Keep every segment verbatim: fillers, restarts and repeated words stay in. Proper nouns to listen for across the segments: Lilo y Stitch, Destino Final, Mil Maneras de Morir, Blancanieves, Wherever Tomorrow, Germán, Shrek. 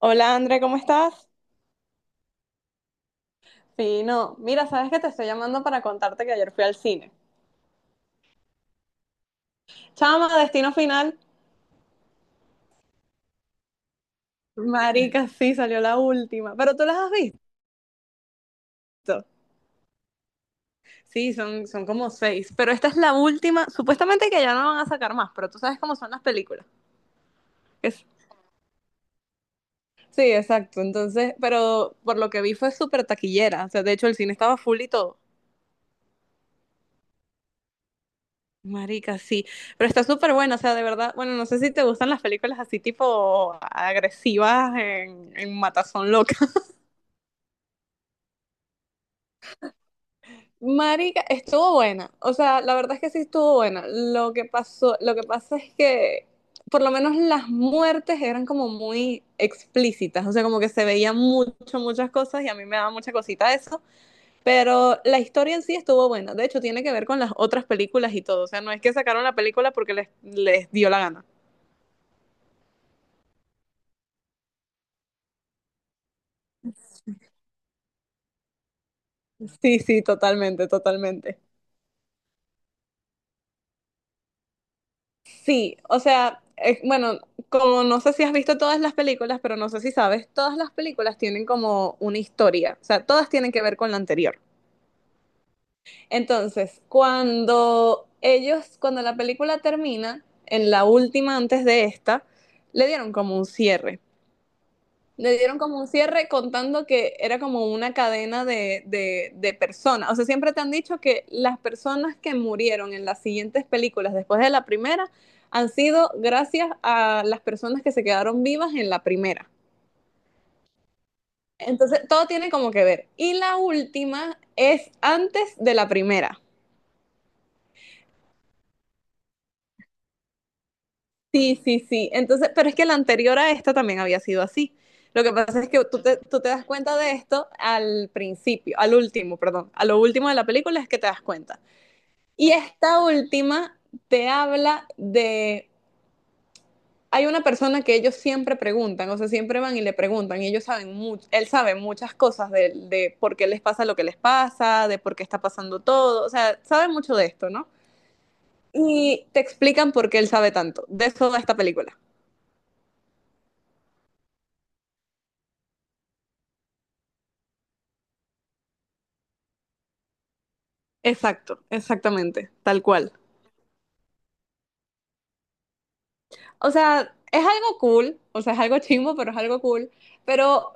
Hola André, ¿cómo estás? Fino. Mira, sabes que te estoy llamando para contarte que ayer fui al cine. Chama, Destino Final. Marica, sí, salió la última. Pero tú las has visto. Sí, son, son como seis. Pero esta es la última. Supuestamente que ya no van a sacar más, pero tú sabes cómo son las películas. Es- Sí, exacto. Entonces, pero por lo que vi fue súper taquillera. O sea, de hecho, el cine estaba full y todo. Marica, sí. Pero está súper buena. O sea, de verdad, bueno, no sé si te gustan las películas así tipo agresivas en, en Matazón Loca. Marica, estuvo buena. O sea, la verdad es que sí estuvo buena. Lo que pasó, lo que pasa es que por lo menos las muertes eran como muy explícitas. O sea, como que se veían mucho, muchas cosas y a mí me daba mucha cosita eso. Pero la historia en sí estuvo buena. De hecho, tiene que ver con las otras películas y todo. O sea, no es que sacaron la película porque les, les dio la gana. Sí, sí, totalmente, totalmente. Sí, o sea, eh, bueno, como no sé si has visto todas las películas, pero no sé si sabes, todas las películas tienen como una historia, o sea, todas tienen que ver con la anterior. Entonces, cuando ellos, cuando la película termina, en la última antes de esta, le dieron como un cierre le dieron como un cierre contando que era como una cadena de, de, de personas. O sea, siempre te han dicho que las personas que murieron en las siguientes películas después de la primera han sido gracias a las personas que se quedaron vivas en la primera. Entonces, todo tiene como que ver. Y la última es antes de la primera. Sí, sí, sí. Entonces, pero es que la anterior a esta también había sido así. Lo que pasa es que tú te, tú te das cuenta de esto al principio, al último, perdón, a lo último de la película es que te das cuenta. Y esta última te habla de, hay una persona que ellos siempre preguntan, o sea, siempre van y le preguntan, y ellos saben mucho, él sabe muchas cosas de, de por qué les pasa lo que les pasa, de por qué está pasando todo, o sea, sabe mucho de esto, ¿no? Y te explican por qué él sabe tanto. De eso va esta película. Exacto, exactamente, tal cual. O sea, es algo cool, o sea, es algo chimbo, pero es algo cool. Pero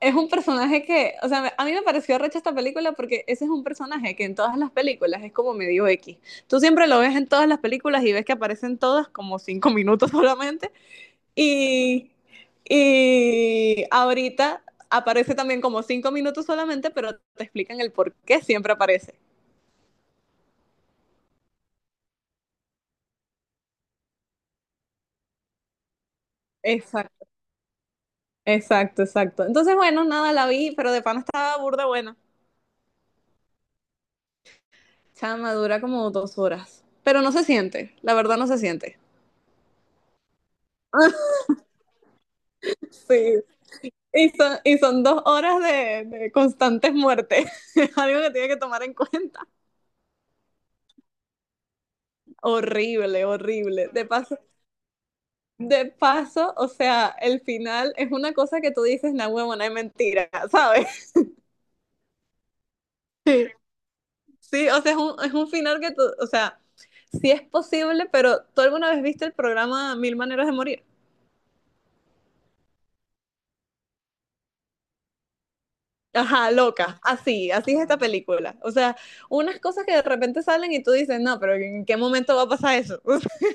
es un personaje que, o sea, me- a mí me pareció recha esta película porque ese es un personaje que en todas las películas es como medio X. Tú siempre lo ves en todas las películas y ves que aparecen todas como cinco minutos solamente. Y, y ahorita aparece también como cinco minutos solamente, pero te explican el por qué siempre aparece. Exacto, exacto. Entonces, bueno, nada, la vi, pero de pana estaba burda buena. Chama, dura como dos horas. Pero no se siente, la verdad no se siente. Sí. Y son, y son dos horas de, de constantes muertes. Es algo que tiene que tomar en cuenta. Horrible, horrible. De paso, de paso, o sea, el final es una cosa que tú dices, na huevona, es mentira, ¿sabes? Sí, sí, o sea, es un, es un final que tú, o sea, sí es posible, pero ¿tú alguna vez viste el programa Mil Maneras de Morir? Ajá, loca, así, así es esta película. O sea, unas cosas que de repente salen y tú dices, no, pero ¿en qué momento va a pasar eso?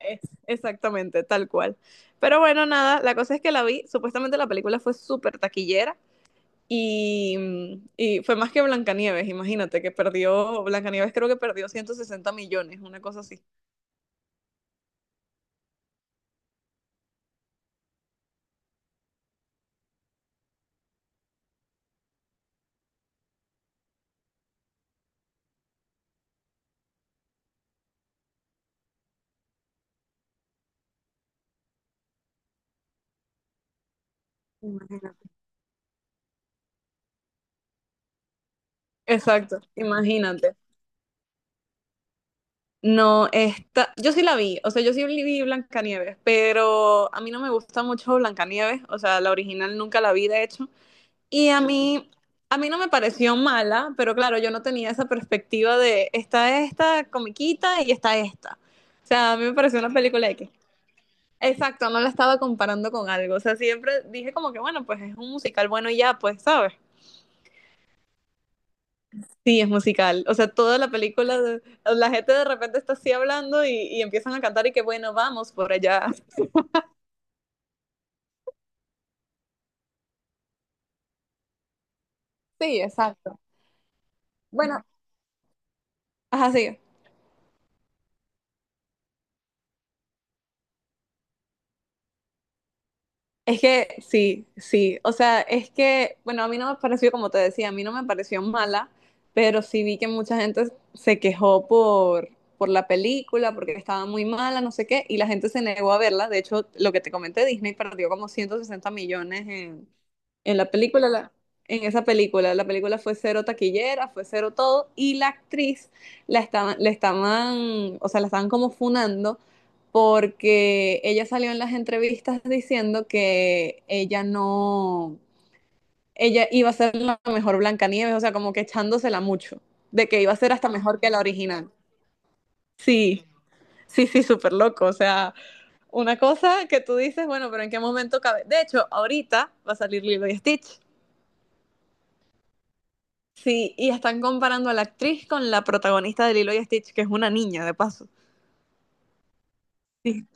Es- Exactamente, tal cual. Pero bueno, nada, la cosa es que la vi, supuestamente la película fue súper taquillera y, mm, y fue más que Blancanieves, imagínate, que perdió, Blancanieves creo que perdió ciento sesenta millones, una cosa así. Imagínate. Exacto, imagínate. No, esta, yo sí la vi, o sea, yo sí vi Blancanieves, pero a mí no me gusta mucho Blancanieves, o sea, la original nunca la vi, de hecho, y a mí, a mí no me pareció mala, pero claro, yo no tenía esa perspectiva de está esta comiquita y está esta. O sea, a mí me pareció una película de que, exacto, no la estaba comparando con algo, o sea, siempre dije como que, bueno, pues es un musical bueno y ya, pues, ¿sabes? Sí, es musical. O sea, toda la película, de- la gente de repente está así hablando y, y empiezan a cantar y que bueno, vamos por allá. Sí, exacto. Bueno, ajá, sí. Es que sí, sí. O sea, es que, bueno, a mí no me pareció, como te decía, a mí no me pareció mala, pero sí vi que mucha gente se quejó por, por la película, porque estaba muy mala, no sé qué, y la gente se negó a verla. De hecho, lo que te comenté, Disney perdió como ciento sesenta millones en, En la película, la- en esa película, la película fue cero taquillera, fue cero todo, y la actriz la estaban, le estaban, o sea, la estaban como funando porque ella salió en las entrevistas diciendo que ella no, ella iba a ser la mejor Blancanieves, o sea, como que echándosela mucho, de que iba a ser hasta mejor que la original. Sí, sí, sí, súper loco, o sea, una cosa que tú dices, bueno, pero ¿en qué momento cabe? De hecho, ahorita va a salir Lilo y Stitch. Sí, y están comparando a la actriz con la protagonista de Lilo y Stitch, que es una niña, de paso. Sí,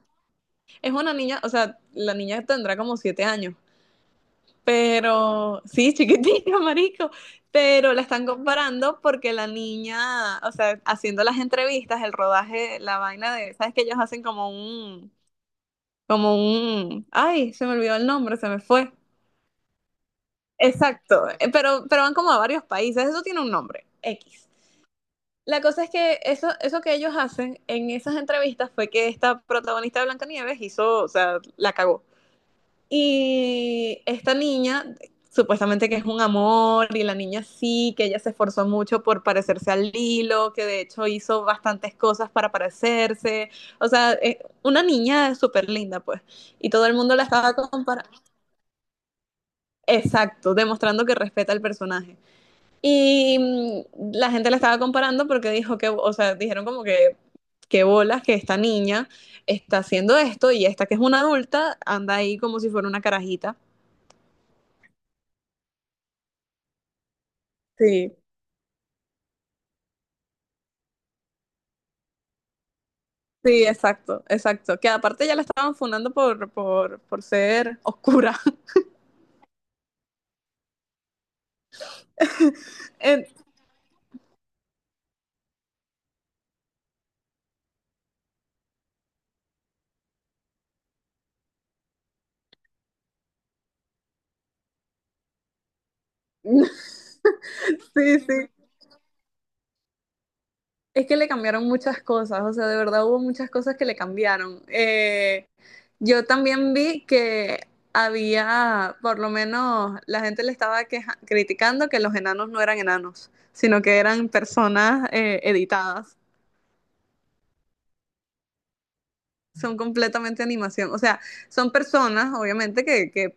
es una niña, o sea, la niña tendrá como siete años, pero sí, chiquitita, marico, pero la están comparando porque la niña, o sea, haciendo las entrevistas, el rodaje, la vaina de, ¿sabes que ellos hacen como un, como un, ay, se me olvidó el nombre, se me fue. Exacto, eh, pero, pero van como a varios países, eso tiene un nombre, X. La cosa es que eso, eso que ellos hacen en esas entrevistas fue que esta protagonista de Blancanieves hizo, o sea, la cagó. Y esta niña, supuestamente que es un amor, y la niña sí, que ella se esforzó mucho por parecerse al Lilo, que de hecho hizo bastantes cosas para parecerse. O sea, es una niña súper linda, pues. Y todo el mundo la estaba comparando. Exacto, demostrando que respeta al personaje. Y mm, la gente la estaba comparando porque dijo que, o sea, dijeron como que, qué bolas que esta niña está haciendo esto y esta que es una adulta anda ahí como si fuera una carajita. Sí. Sí, exacto, exacto. Que aparte ya la estaban funando por, por, por ser oscura. En- Sí, sí. Es que le cambiaron muchas cosas, o sea, de verdad hubo muchas cosas que le cambiaron. Eh, yo también vi que había, por lo menos, la gente le estaba queja- criticando que los enanos no eran enanos, sino que eran personas eh, editadas. Son completamente animación, o sea, son personas, obviamente, que, que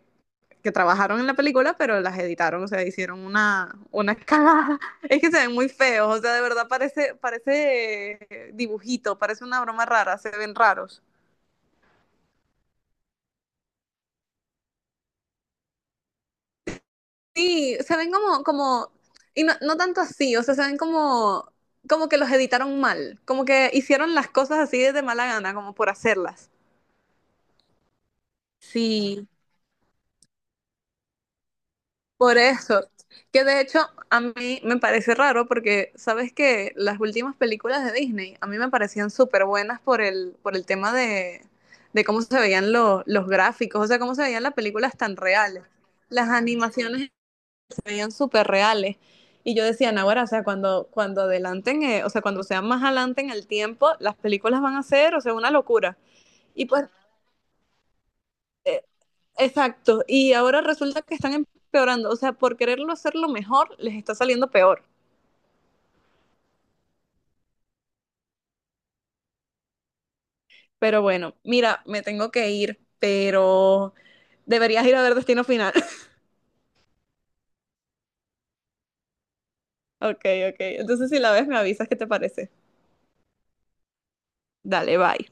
que trabajaron en la película, pero las editaron, o sea, hicieron una, una cagada. Es que se ven muy feos, o sea, de verdad parece, parece eh, dibujito, parece una broma rara, se ven raros. Sí, se ven como, como, y no, no tanto así, o sea, se ven como, como que los editaron mal, como que hicieron las cosas así de mala gana, como por hacerlas. Sí, por eso, que de hecho a mí me parece raro porque sabes que las últimas películas de Disney a mí me parecían súper buenas por el, por el tema de, de cómo se veían lo- los gráficos, o sea, cómo se veían las películas tan reales. Las animaciones se veían súper reales. Y yo decía, "No, ahora, o sea, cuando, cuando adelanten, eh, o sea, cuando sean más adelante en el tiempo, las películas van a ser, o sea, una locura. Y pues, eh, exacto, y ahora resulta que están empeorando, o sea, por quererlo hacerlo mejor, les está saliendo peor. Pero bueno, mira, me tengo que ir, pero deberías ir a ver Destino Final. Ok, ok, entonces si la ves me avisas qué te parece. Dale, bye.